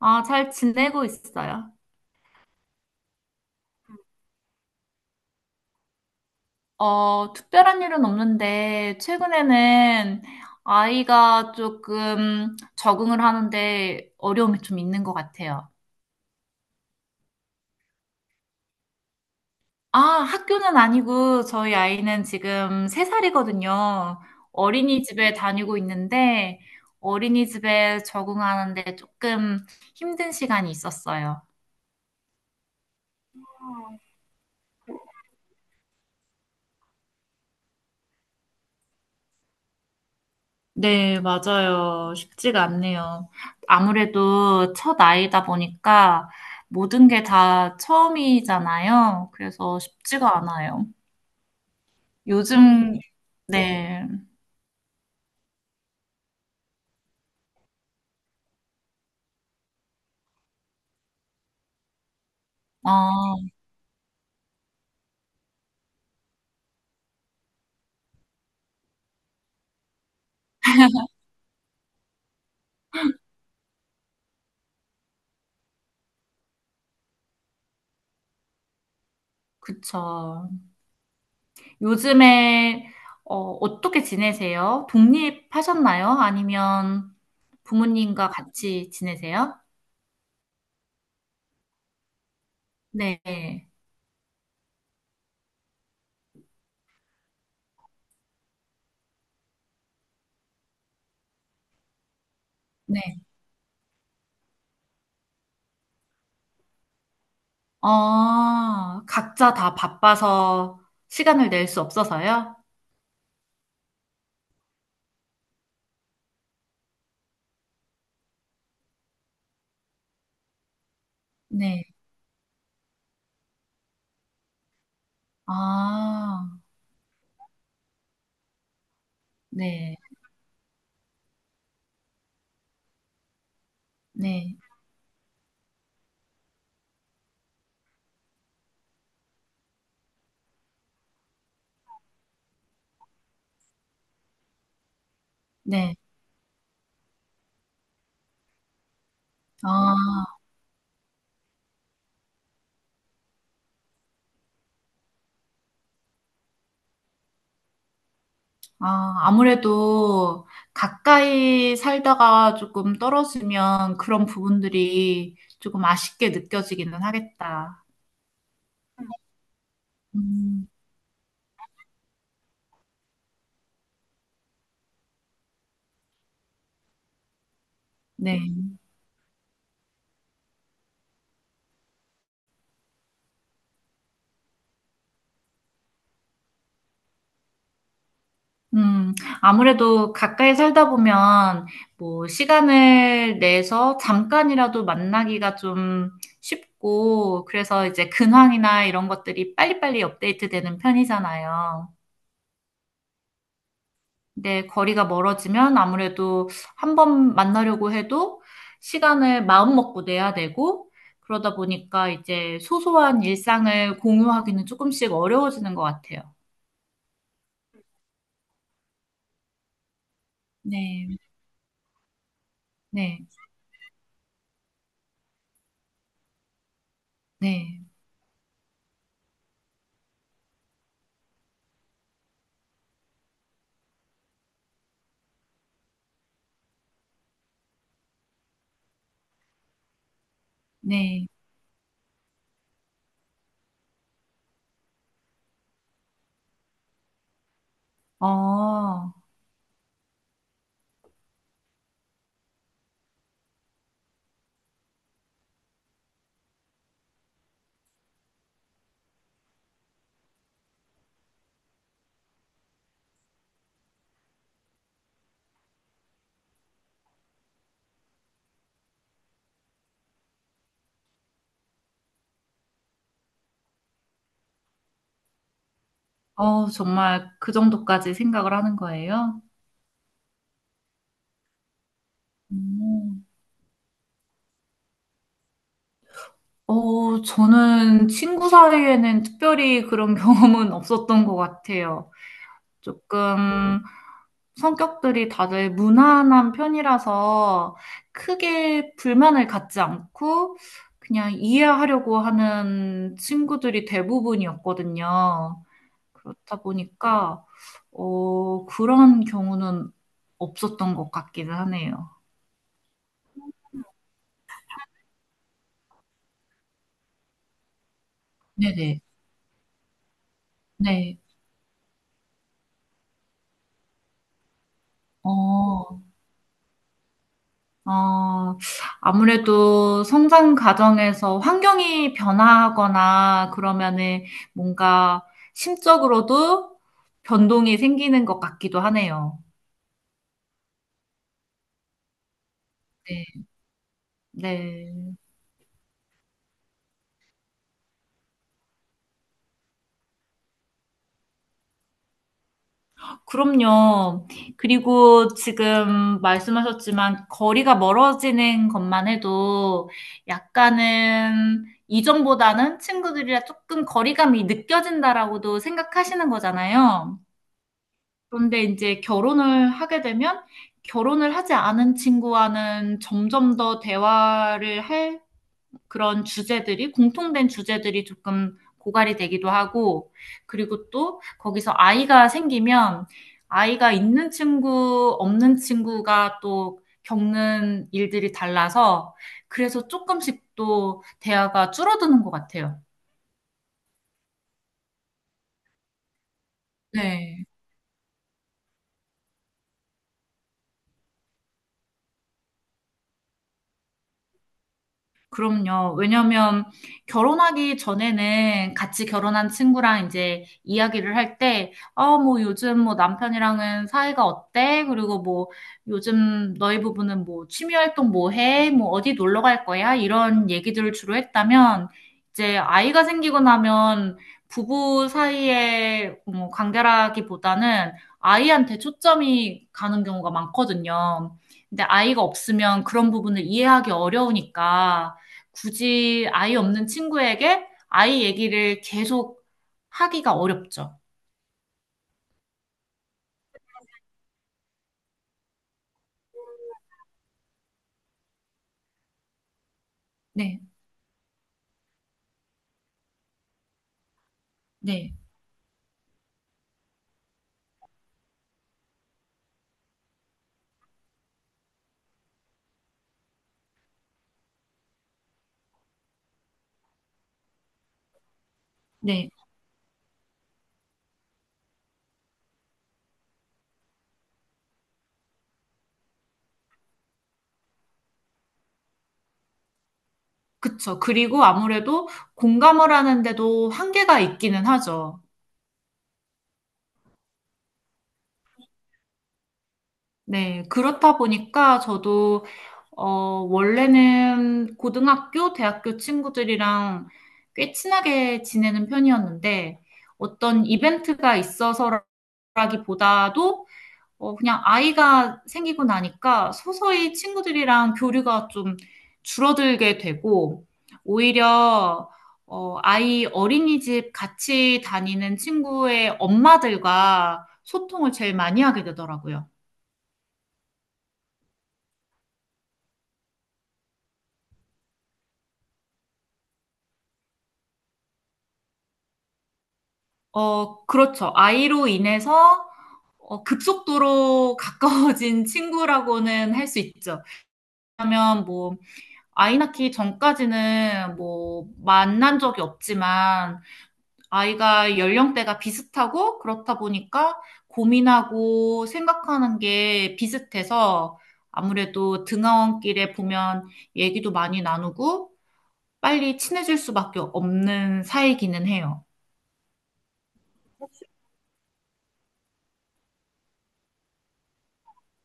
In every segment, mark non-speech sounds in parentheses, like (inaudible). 아, 잘 지내고 있어요. 어, 특별한 일은 없는데, 최근에는 아이가 조금 적응을 하는데 어려움이 좀 있는 것 같아요. 아, 학교는 아니고, 저희 아이는 지금 3살이거든요. 어린이집에 다니고 있는데, 어린이집에 적응하는데 조금 힘든 시간이 있었어요. 네, 맞아요. 쉽지가 않네요. 아무래도 첫 아이다 보니까 모든 게 다 처음이잖아요. 그래서 쉽지가 않아요. 요즘, 네, 아, 그쵸. 요즘에, 어, 어떻게 지내세요? 독립하셨나요? 아니면 부모님과 같이 지내세요? 네, 네. 아, 각자 다 바빠서 시간을 낼 수 없어서요? 네. 아, 네, 네, 네. 아, 아, 아무래도 가까이 살다가 조금 떨어지면 그런 부분들이 조금 아쉽게 느껴지기는 하겠다. 음, 네. 음, 아무래도 가까이 살다 보면 뭐 시간을 내서 잠깐이라도 만나기가 좀 쉽고 그래서 이제 근황이나 이런 것들이 빨리빨리 업데이트 되는 편이잖아요. 네, 거리가 멀어지면 아무래도 한 번 만나려고 해도 시간을 마음먹고 내야 되고, 그러다 보니까 이제 소소한 일상을 공유하기는 조금씩 어려워지는 것 같아요. 네, 네, 네, 네. 어, 어, 정말 그 정도까지 생각을 하는 거예요? 음. 어, 저는 친구 사이에는 특별히 그런 (laughs) 경험은 없었던 것 같아요. 조금, 성격들이 다들 무난한 편이라서 크게 불만을 갖지 않고 그냥 이해하려고 하는 친구들이 대부분이었거든요. 그렇다 보니까, 어, 그런 경우는 없었던 것 같기는 하네요. 네네. 네. 어, 어, 아무래도 성장 과정에서 환경이 변화하거나 그러면은 뭔가 심적으로도 변동이 생기는 것 같기도 하네요. 네. 네. 그럼요. 그리고 지금 말씀하셨지만 거리가 멀어지는 것만 해도 약간은 이전보다는 친구들이랑 조금 거리감이 느껴진다라고도 생각하시는 거잖아요. 그런데 이제 결혼을 하게 되면 결혼을 하지 않은 친구와는 점점 더 대화를 할 그런 주제들이, 공통된 주제들이 조금 고갈이 되기도 하고, 그리고 또 거기서 아이가 생기면 아이가 있는 친구, 없는 친구가 또 겪는 일들이 달라서 그래서 조금씩 또 대화가 줄어드는 것 같아요. 네. 그럼요. 왜냐면 결혼하기 전에는 같이 결혼한 친구랑 이제 이야기를 할 때, 어, 뭐 요즘 뭐 남편이랑은 사이가 어때? 그리고 뭐 요즘 너희 부부는 뭐 취미 활동 뭐 해? 뭐 어디 놀러 갈 거야? 이런 얘기들을 주로 했다면, 이제 아이가 생기고 나면 부부 사이의 뭐 관계라기보다는 아이한테 초점이 가는 경우가 많거든요. 근데 아이가 없으면 그런 부분을 이해하기 어려우니까 굳이 아이 없는 친구에게 아이 얘기를 계속 하기가 어렵죠. 네, 네, 네. 그쵸. 그리고 아무래도 공감을 하는데도 한계가 있기는 하죠. 네, 그렇다 보니까 저도, 어, 원래는 고등학교, 대학교 친구들이랑 꽤 친하게 지내는 편이었는데 어떤 이벤트가 있어서라기보다도 어, 그냥 아이가 생기고 나니까 서서히 친구들이랑 교류가 좀 줄어들게 되고, 오히려, 어, 아이 어린이집 같이 다니는 친구의 엄마들과 소통을 제일 많이 하게 되더라고요. 어, 그렇죠. 아이로 인해서 어, 급속도로 (laughs) 가까워진 친구라고는 할 수 있죠. 왜냐면 뭐, 아이 낳기 전까지는 뭐, 만난 적이 없지만, 아이가 연령대가 비슷하고 그렇다 보니까 고민하고 생각하는 게 비슷해서 아무래도 등하원길에 보면 얘기도 많이 나누고 빨리 친해질 수밖에 없는 사이기는 해요.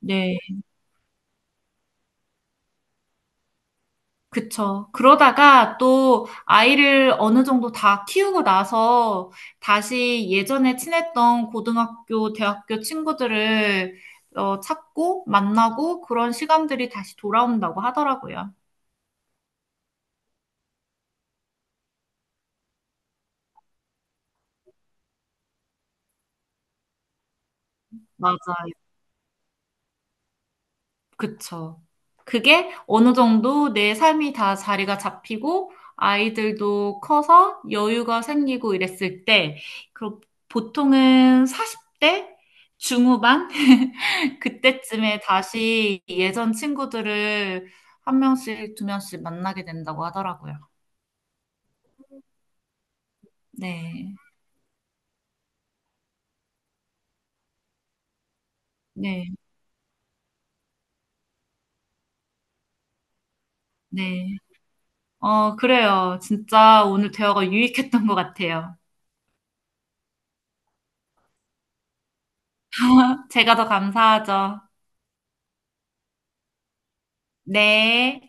네, 그쵸. 그러다가 또 아이를 어느 정도 다 키우고 나서 다시 예전에 친했던 고등학교, 대학교 친구들을 어, 찾고 만나고 그런 시간들이 다시 돌아온다고 하더라고요. 맞아요. 그쵸. 그게 어느 정도 내 삶이 다 자리가 잡히고 아이들도 커서 여유가 생기고 이랬을 때, 그 보통은 40대 중후반 (laughs) 그때쯤에 다시 예전 친구들을 한 명씩, 두 명씩 만나게 된다고 하더라고요. 네. 네. 네. 어, 그래요. 진짜 오늘 대화가 유익했던 것 같아요. 제가 더 감사하죠. 네.